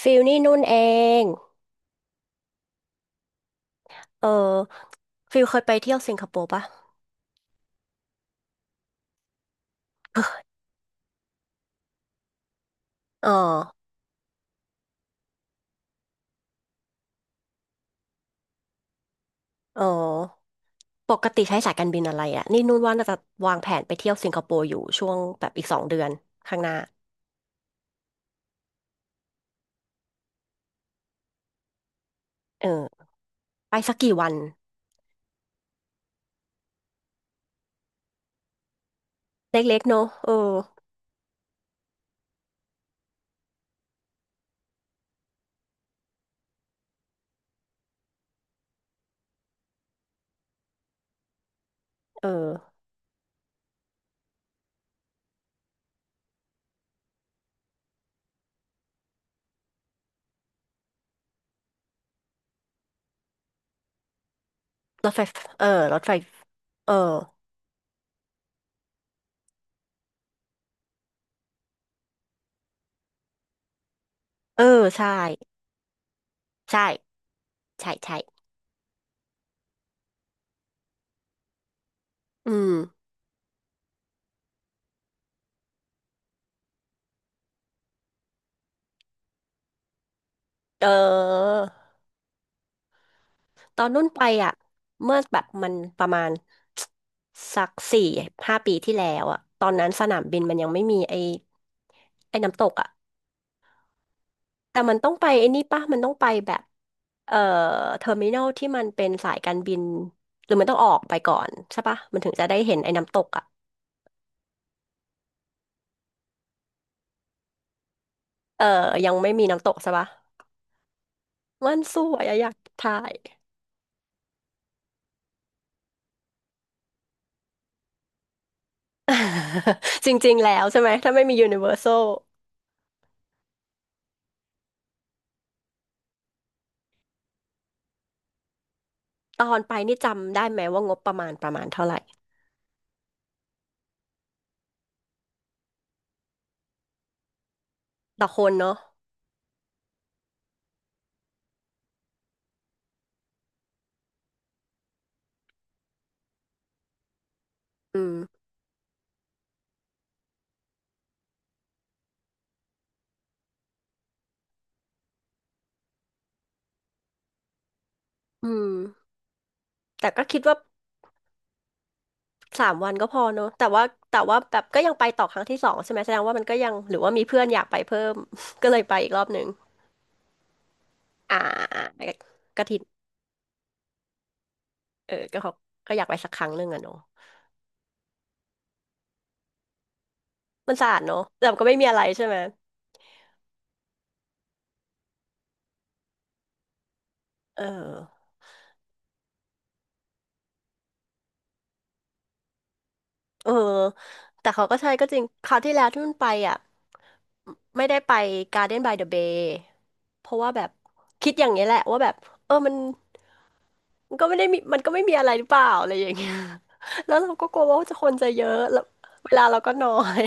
ฟิลนี่นุ่นเองเออฟิลเคยไปเที่ยวสิงคโปร์ปะอ๋ออ๋อปกติใช้สายการบินอะไรอะนี่นุ่นว่าน่าจะวางแผนไปเที่ยวสิงคโปร์อยู่ช่วงแบบอีก2 เดือนข้างหน้าเออไปสักกี่วันเล็กๆเนอะเออเออรถไฟเออรถไฟเออเออใช่ใช่ใช่ใช่อืมเออ ตอนนุ่นไปอ่ะเมื่อแบบมันประมาณ สัก4 5 ปีที่แล้วอ่ะตอนนั้นสนามบินมันยังไม่มีไอ้ไอ้น้ำตกอ่ะแต่มันต้องไปไอ้นี่ป่ะมันต้องไปแบบเอ่อเทอร์มินอลที่มันเป็นสายการบินหรือมันต้องออกไปก่อนใช่ป่ะมันถึงจะได้เห็นไอ้น้ำตกอ่ะเออยังไม่มีน้ำตกใช่ป่ะมันสวยอะอยากถ่าย จริงๆแล้วใช่ไหมถ้าไม่มียูนิเวอร์แซลตอนไปนี่จำได้ไหมว่างบประมาณประมาณเท่าไหร่ต่อคนเนาะอืม อืมแต่ก็คิดว่าสามวันก็พอเนอะแต่ว่าแต่ว่าแบบก็ยังไปต่อครั้งที่ 2ใช่ไหมแสดงว่ามันก็ยังหรือว่ามีเพื่อนอยากไปเพิ่ม ก็เลยไปอีกรอบหนึ่งอ่าอ่ากฐินเออก็เขาก็อยากไปสักครั้งหนึ่งอะเนอะมันสะอาดเนอะแต่ก็ไม่มีอะไรใช่ไหมเออเออแต่เขาก็ใช่ก็จริงคราวที่แล้วที่มันไปอ่ะไม่ได้ไป Garden by the Bay เพราะว่าแบบคิดอย่างนี้ยแหละว่าแบบเออมันมันก็ไม่ได้มีมันก็ไม่มีอะไรหรือเปล่าอะไรอย่างเงี้ย แล้วเราก็กลัวว่าจะคนจะเยอะแล้วเวลาเราก็น้อย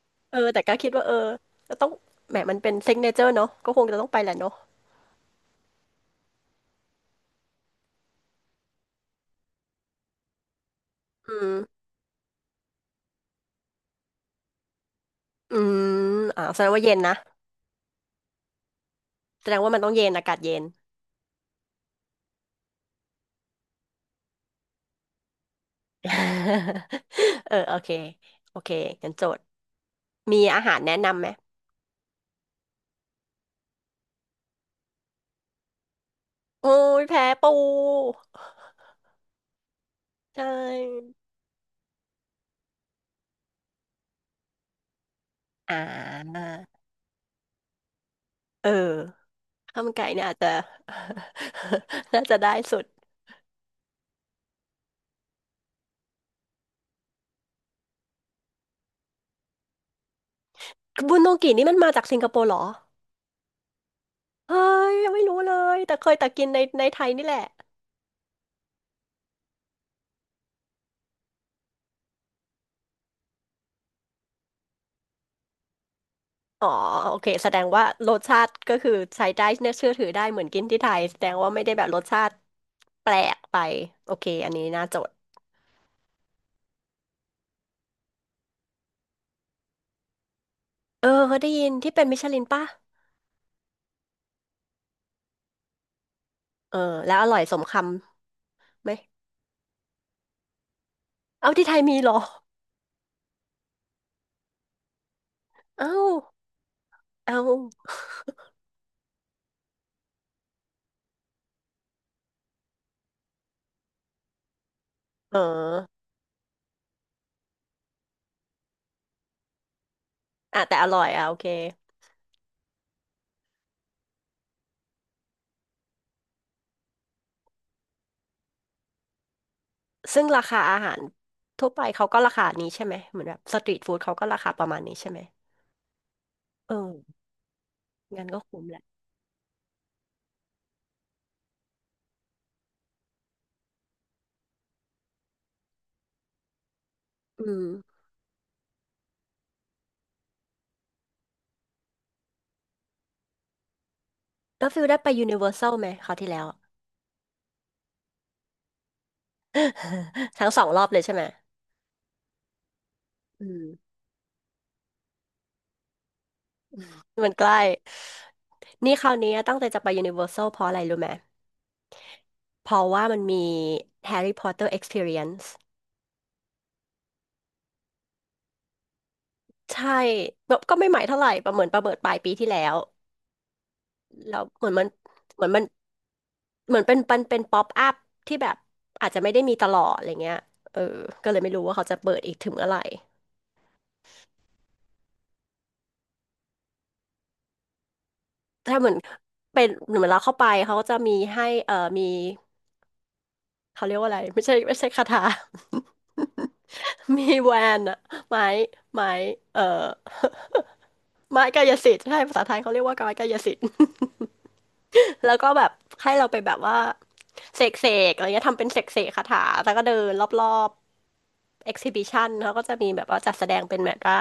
เออแต่ก็คิดว่าเออจะต้องแหมมันเป็นซิกเนเจอร์เนาะก็คงจะต้องไปแหละเนาะอืมอืมอ่าแสดงว่าเย็นนะแสดงว่ามันต้องเย็นอากาศเย็น เออโอเคโอเคงั้นโจทย์มีอาหารแนะนำไหมโอ้ยแพ้ปูใช่อ่าเออข้าวมันไก่เนี่ยอาจจะ น่าจะได้สุดบุนโนกินี่มันมาจากสิงคโปร์เหรอ เฮ้ยยังไม่รู้เลยแต่เคยแต่กินในในไทยนี่แหละอ๋อโอเคแสดงว่ารสชาติก็คือใช้ได้เน่าเชื่อถือได้เหมือนกินที่ไทยแสดงว่าไม่ได้แบบรสชาติแปลกไปโอเคอันนี้น่าจดเออเคยได้ยินที่เป็นมิชลินป่ะเออแล้วอร่อยสมคำไหมเอาที่ไทยมีเหรอเอ้าเอ้าเอออ่ะแต่อร่อยอ่ะโอเคซึ่งราคาอาหารทั่วไปเขาก็ราคานี้ใช่ไหมเหมือนแบบสตรีทฟู้ดเขาก็ราคาประมาณนี้ใช่ไหมเอองั้นก็คุ้มแหละอืม แล้วฟิลได้ไปยูนิเวอร์แซลไหมคราวที่แล้ว ทั้ง2 รอบเลยใช่ไหมอืมมันใกล้นี่คราวนี้ตั้งใจจะไปยูนิเวอร์แซลเพราะอะไรรู้ไหมเพราะว่ามันมีแฮร์รี่พอตเตอร์ Experience ใช่แบบก็ไม่ใหม่เท่าไหร่ประเมินประเมินปลายปีที่แล้วแล้วเหมือนมันเหมือนมันเหมือนเป็นเป็นเป็นป๊อปอัพที่แบบอาจจะไม่ได้มีตลอดอะไรเงี้ยเออก็เลยไม่รู้ว่าเขาจะเปิดอีกถึงเมื่อไหร่ถ้าเหมือนเป็นเหมือนเราเข้าไปเขาก็จะมีให้มี เขาเรียกว่าอะไรไม่ใช่ไม่ใช่คาถา มีแวนอะไม้ไม้เอ่อ ไม้กายสิทธิ์ใช่ภาษาไทยเขาเรียกว่าไม้กายสิทธิ์ แล้วก็แบบให้เราไปแบบว่าเสกเสกอะไรเงี้ยทำเป็นเสกเสกคาถาแล้วก็เดินรอบๆ exhibition เขาก็จะมีแบบว่าจัดแสดงเป็นแบบว่า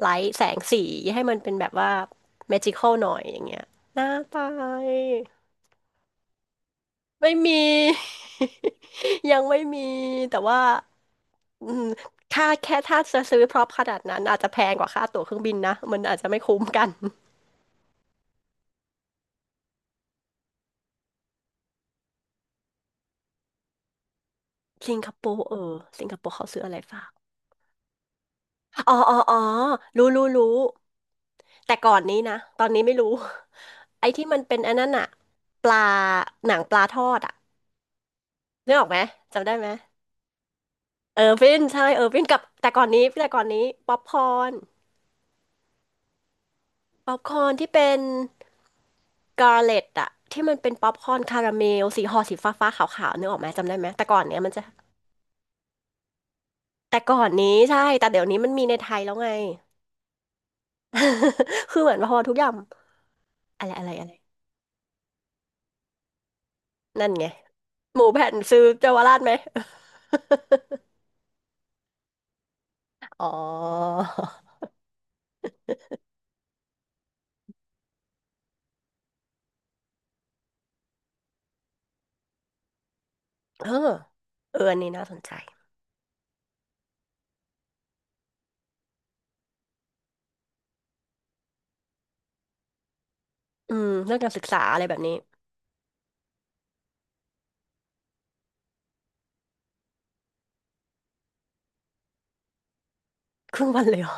ไลท์แสงสีให้มันเป็นแบบว่า magical หน่อยอย่างเงี้ยน่าไปไม่มี ยังไม่มีแต่ว่า อืมถ้าแค่ถ้าจะซื้อพร็อพขนาดนั้นอาจจะแพงกว่าค่าตั๋วเครื่องบินนะมันอาจจะไม่คุ้มกันสิงคโปร์เออสิงคโปร์เขาซื้ออะไรฝากอ๋ออ๋ออ๋อรู้รู้รู้แต่ก่อนนี้นะตอนนี้ไม่รู้ ไอ้ที่มันเป็นอันนั้นอะปลาหนังปลาทอดอะนึกออกไหมจำได้ไหมเออร์วินใช่เออร์วินกับแต่ก่อนนี้แต่ก่อนนี้ป๊อปคอร์นป๊อปคอร์นที่เป็นกา r l เลตอะที่มันเป็นป๊อปคอร์นคาราเมลสีห่อสีฟ้าๆขาวๆนึกออกไหมจำได้ไหมแต่ก่อนเนี้ยมันจะ แต่ก่อนนี้ใช่ แต่เดี๋ยวนี้มันมีในไทยแล้วไง คือเหมือนพอทุกอย่างอะไรอะไรอะไรนั่นไง หมูแผ่นซื้อเยาวราชไหม อ๋อ เออเอออันนี้น่าสนใจ อืมเรื่องการศึกษาอะไรแบบนี้ ครึ่งวันเลยเหรอ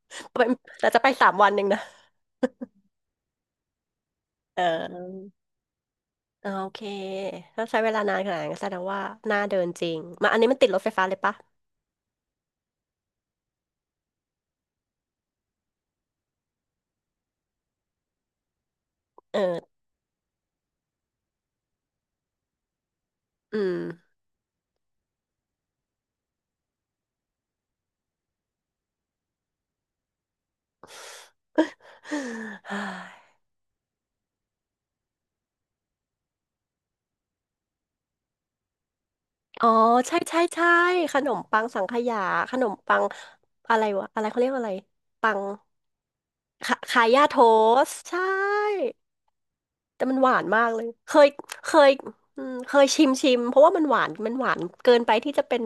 ไปแต่จะไปสามวันเองนะเออเออโอเคถ้าใช้เวลานานขนาดนั้นก็แสดงว่าน่าเดินจริงมาอันนี้มันติดรถไฟฟ้าเลยปะเอออืม อ๋อใช่ใช่ใช่ขนมปังสังขยาขนมปังอะไรวะอะไรเขาเรียกว่าอะไรปังขาขายาโทสต์ใช่แต่มันหวานมากเลยเคยเคยอืมเคยชิมชิมเพราะว่ามันหวานมันหวานเกินไปที่จะเป็น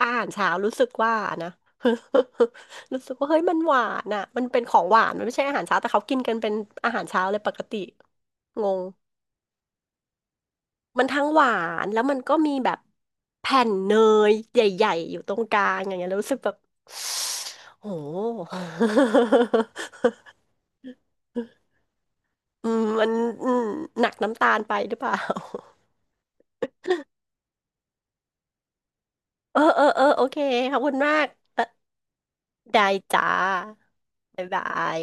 อาหารเช้ารู้สึกว่านะ รู้สึกว่าเฮ้ยมันหวานอ่ะมันเป็นของหวานมันไม่ใช่อาหารเช้าแต่เขากินกันเป็นอาหารเช้าเลยปกติงง มันทั้งหวานแล้วมันก็มีแบบแผ่นเนยใหญ่ๆอยู่ตรงกลางอย่างเงี้ยแล้วรู้สึกแบบโอ้โห อืมมันอืมหนักน้ำตาลไปหรือเปล่า เออเออเออโอเคขอบคุณมากเออได้จ้าบ๊ายบาย